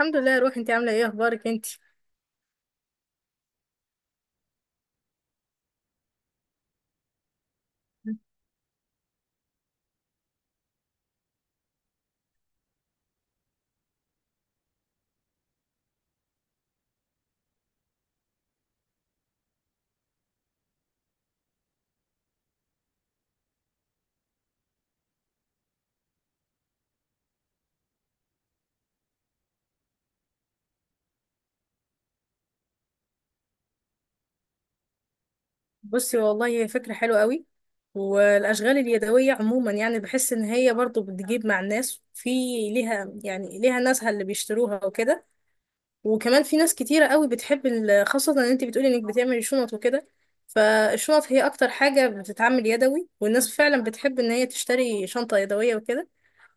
الحمد لله يا روحي. انت عامله ايه؟ اخبارك انت؟ بصي والله هي فكره حلوه قوي، والاشغال اليدويه عموما بحس ان هي برضو بتجيب مع الناس في ليها ناسها اللي بيشتروها وكده. وكمان في ناس كتيره قوي بتحب خاصه ان انت بتقولي انك بتعملي شنط وكده. فالشنط هي اكتر حاجه بتتعمل يدوي، والناس فعلا بتحب ان هي تشتري شنطه يدويه وكده،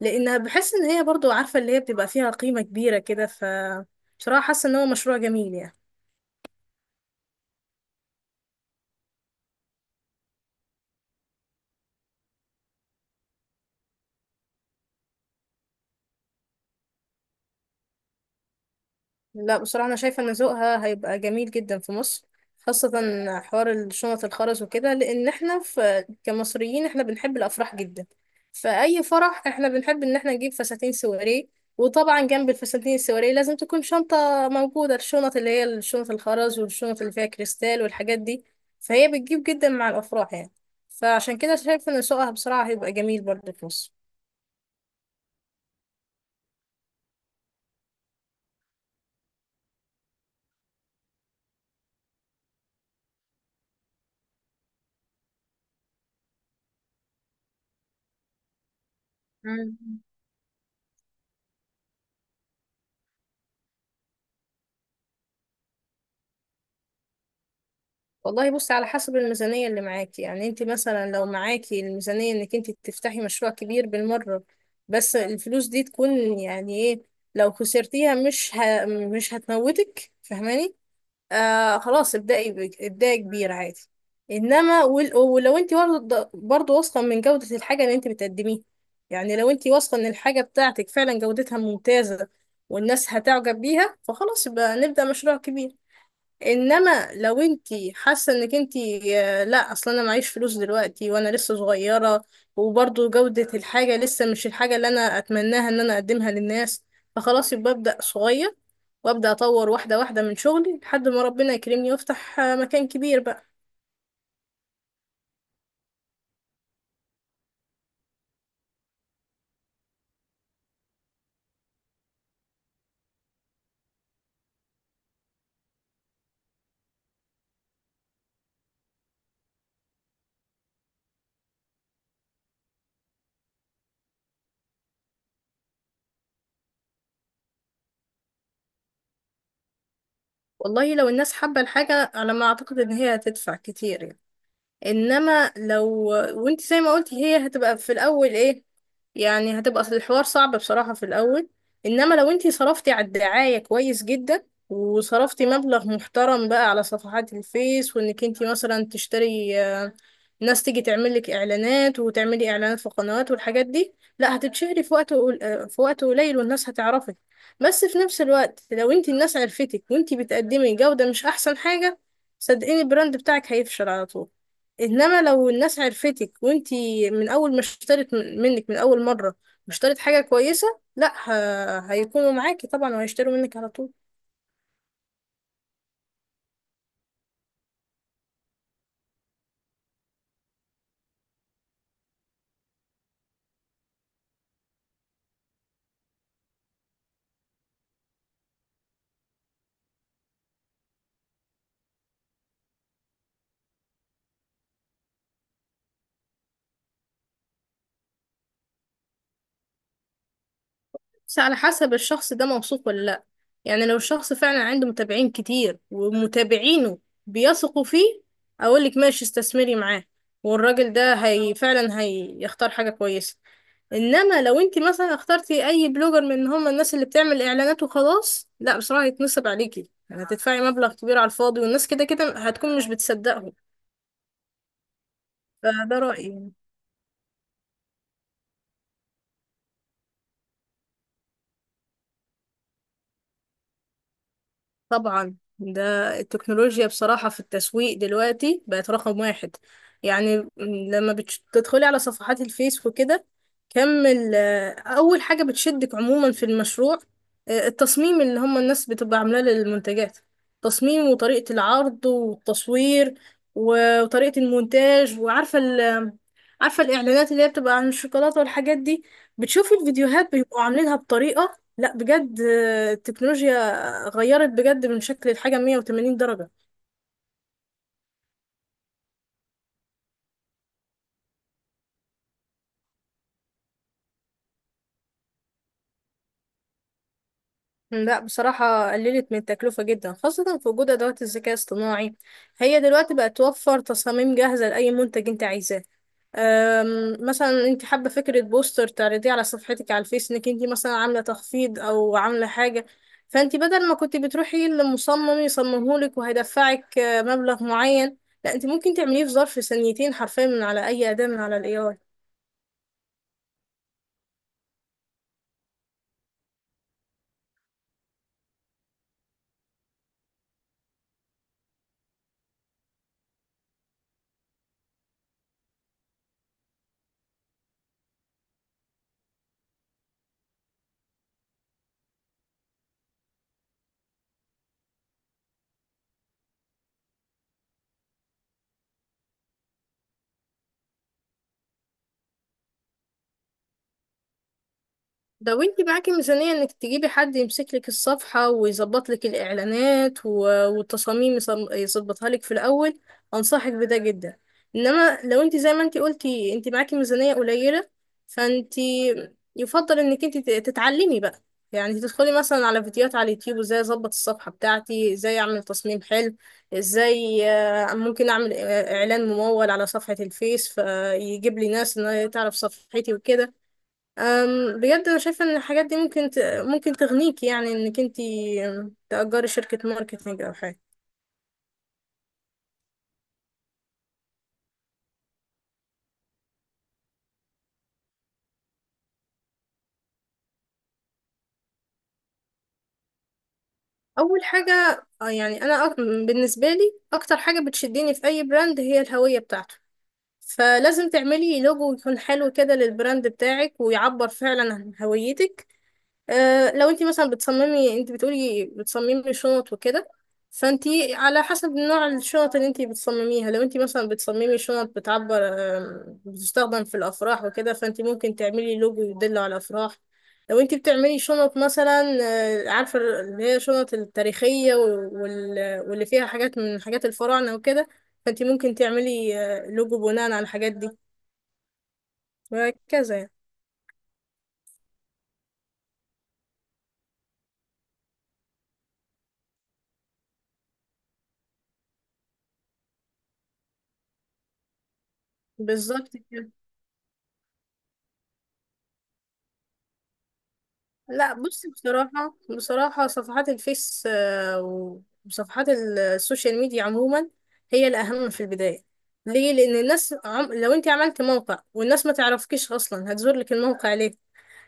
لانها بحس ان هي برضو عارفه اللي هي بتبقى فيها قيمه كبيره كده. بصراحه حاسه ان هو مشروع جميل. لا بصراحة أنا شايفة إن ذوقها هيبقى جميل جدا في مصر، خاصة حوار الشنط الخرز وكده، لأن احنا في كمصريين احنا بنحب الأفراح جدا. فأي فرح احنا بنحب إن احنا نجيب فساتين سواري، وطبعا جنب الفساتين السواري لازم تكون شنطة موجودة، الشنط اللي هي الشنط الخرز والشنط اللي فيها كريستال والحاجات دي. فهي بتجيب جدا مع الأفراح يعني، فعشان كده شايفة إن سوقها بصراحة هيبقى جميل برضه في مصر. مم. والله بصي، على حسب الميزانية اللي معاكي. يعني انت مثلا لو معاكي الميزانية انك انت تفتحي مشروع كبير بالمرة، بس الفلوس دي تكون يعني ايه، لو خسرتيها مش مش هتموتك، فاهماني؟ آه خلاص ابدأي ابدأي كبير عادي. انما ولو انت برضه واثقة من جودة الحاجة اللي انت بتقدميها. يعني لو انت واثقة ان الحاجة بتاعتك فعلا جودتها ممتازة، والناس هتعجب بيها، فخلاص يبقى نبدأ مشروع كبير. انما لو انتي حاسه انك انتي لا اصلا انا معيش فلوس دلوقتي وانا لسه صغيره، وبرضو جوده الحاجه لسه مش الحاجه اللي انا اتمناها ان انا اقدمها للناس، فخلاص يبقى ابدا صغير وابدا اطور واحده واحده من شغلي لحد ما ربنا يكرمني وافتح مكان كبير بقى. والله لو الناس حابه الحاجه، على ما اعتقد ان هي هتدفع كتير يعني. انما لو، وانت زي ما قلتي، هي هتبقى في الاول ايه، يعني هتبقى الحوار صعب بصراحة في الاول. انما لو انت صرفتي على الدعاية كويس جدا، وصرفتي مبلغ محترم بقى على صفحات الفيس، وانك انت مثلا تشتري ناس تيجي تعمل لك اعلانات وتعملي اعلانات في قنوات والحاجات دي، لا هتتشهري في وقت في وقت قليل والناس هتعرفك. بس في نفس الوقت لو انت الناس عرفتك وانت بتقدمي جودة مش احسن حاجة، صدقيني البراند بتاعك هيفشل على طول. انما لو الناس عرفتك وانتي من اول ما اشترت منك من اول مره واشترت حاجه كويسه، لا هيكونوا معاكي طبعا وهيشتروا منك على طول. بس على حسب الشخص ده موثوق ولا لا. يعني لو الشخص فعلا عنده متابعين كتير ومتابعينه بيثقوا فيه، اقولك ماشي استثمري معاه، والراجل ده هي فعلا هيختار حاجه كويسه. انما لو انت مثلا اخترتي اي بلوجر من هم الناس اللي بتعمل اعلانات وخلاص، لا بصراحه هيتنصب عليكي، هتدفعي مبلغ كبير على الفاضي، والناس كده كده هتكون مش بتصدقهم. فده رايي يعني. طبعا ده، التكنولوجيا بصراحة في التسويق دلوقتي بقت رقم واحد. يعني لما بتدخلي على صفحات الفيس وكده، كم ال- أول حاجة بتشدك عموما في المشروع التصميم اللي هم الناس بتبقى عاملاه للمنتجات. تصميم وطريقة العرض والتصوير وطريقة المونتاج، وعارفة عارفة الإعلانات اللي هي بتبقى عن الشوكولاتة والحاجات دي، بتشوفي الفيديوهات بيبقوا عاملينها بطريقة لا بجد، التكنولوجيا غيرت بجد من شكل الحاجة 180 درجة. لا بصراحة قللت من التكلفة جدا، خاصة في وجود أدوات الذكاء الاصطناعي. هي دلوقتي بقت توفر تصاميم جاهزة لأي منتج أنت عايزاه. مثلا انت حابة فكرة بوستر تعرضيه على صفحتك على الفيس انك انت مثلا عاملة تخفيض او عاملة حاجة، فانت بدل ما كنت بتروحي لمصمم يصممهولك وهيدفعك مبلغ معين، لا انت ممكن تعمليه في ظرف ثانيتين حرفيا من على اي أداة من على الاي. لو انت معاكي ميزانية انك تجيبي حد يمسك لك الصفحة ويظبط لك الاعلانات والتصاميم يظبطها لك في الاول، انصحك بده جدا. انما لو انت زي ما انت قلتي انت معاكي ميزانية قليلة، فانت يفضل انك انت تتعلمي بقى. يعني تدخلي مثلا على فيديوهات على اليوتيوب، ازاي اظبط الصفحة بتاعتي، ازاي اعمل تصميم حلو، ازاي ممكن اعمل اعلان ممول على صفحة الفيس فيجيب لي ناس انها تعرف صفحتي وكده. بجد انا شايفه ان الحاجات دي ممكن تغنيكي يعني انك انت تأجري شركه ماركتينج او حاجه. اول حاجه يعني انا بالنسبه لي اكتر حاجه بتشدني في اي براند هي الهويه بتاعته، فلازم تعملي لوجو يكون حلو كده للبراند بتاعك ويعبر فعلا عن هويتك. أه لو انت مثلا بتصممي، انت بتقولي بتصممي شنط وكده، فانت على حسب نوع الشنط اللي انت بتصمميها. لو انت مثلا بتصممي شنط بتعبر، بتستخدم في الافراح وكده، فانت ممكن تعملي لوجو يدل على الافراح. لو انت بتعملي شنط مثلا عارفه اللي هي شنط التاريخيه واللي فيها حاجات من حاجات الفراعنه وكده، فانت ممكن تعملي لوجو بناء على الحاجات دي وهكذا يعني. بالظبط كده. لا بص بصراحة، بصراحة صفحات الفيس وصفحات السوشيال ميديا عموما هي الأهم في البداية. ليه؟ لأن الناس لو أنت عملت موقع والناس ما تعرفكيش أصلا هتزور لك الموقع.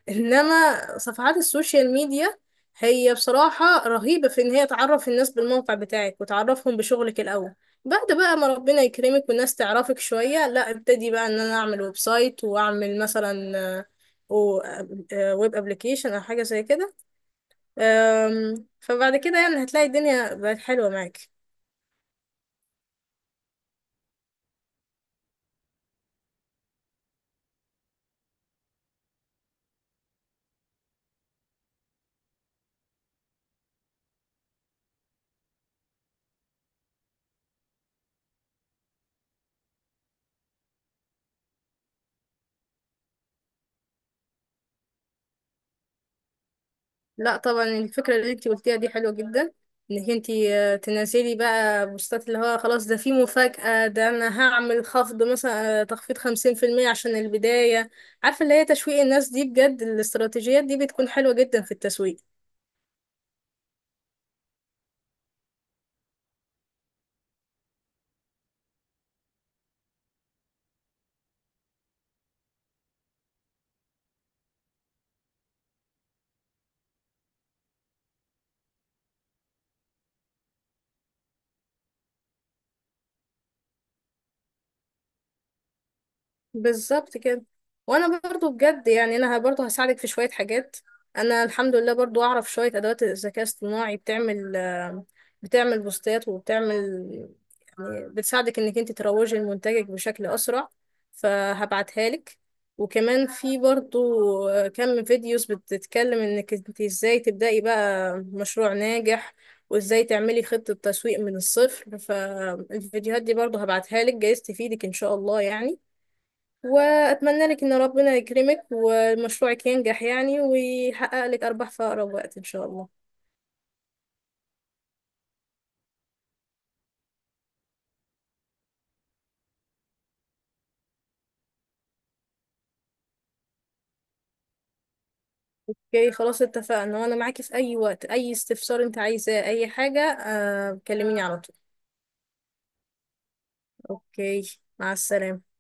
انما صفحات السوشيال ميديا هي بصراحة رهيبة في ان هي تعرف الناس بالموقع بتاعك وتعرفهم بشغلك الاول. بعد بقى ما ربنا يكرمك والناس تعرفك شوية، لا ابتدي بقى ان انا اعمل ويب سايت واعمل مثلا آه، و- ويب ابليكيشن او حاجة زي كده. فبعد كده يعني هتلاقي الدنيا بقت حلوة معاك. لا طبعا الفكرة اللي انتي قلتيها دي حلوة جدا، انك انتي تنزلي بقى بوستات اللي هو خلاص ده في مفاجأة، ده انا هعمل خفض مثلا تخفيض خمسين في المية عشان البداية. عارفة اللي هي تشويق الناس دي بجد، الاستراتيجيات دي بتكون حلوة جدا في التسويق. بالظبط كده. وانا برضو بجد يعني انا برضو هساعدك في شوية حاجات. انا الحمد لله برضو اعرف شوية ادوات الذكاء الاصطناعي بتعمل بتعمل بوستات، وبتعمل يعني بتساعدك انك انت تروجي لمنتجك بشكل اسرع، فهبعتها لك. وكمان في برضو كم فيديوز بتتكلم انك انت ازاي تبدأي بقى مشروع ناجح، وازاي تعملي خطة تسويق من الصفر. فالفيديوهات دي برضو هبعتها لك جايز تفيدك ان شاء الله يعني. وأتمنى لك إن ربنا يكرمك ومشروعك ينجح يعني، ويحقق لك أرباح في أقرب وقت إن شاء الله. اوكي خلاص اتفقنا. وأنا معاكي في أي وقت، أي استفسار أنت عايزاه، أي حاجة آه كلميني على طول. اوكي مع السلامة.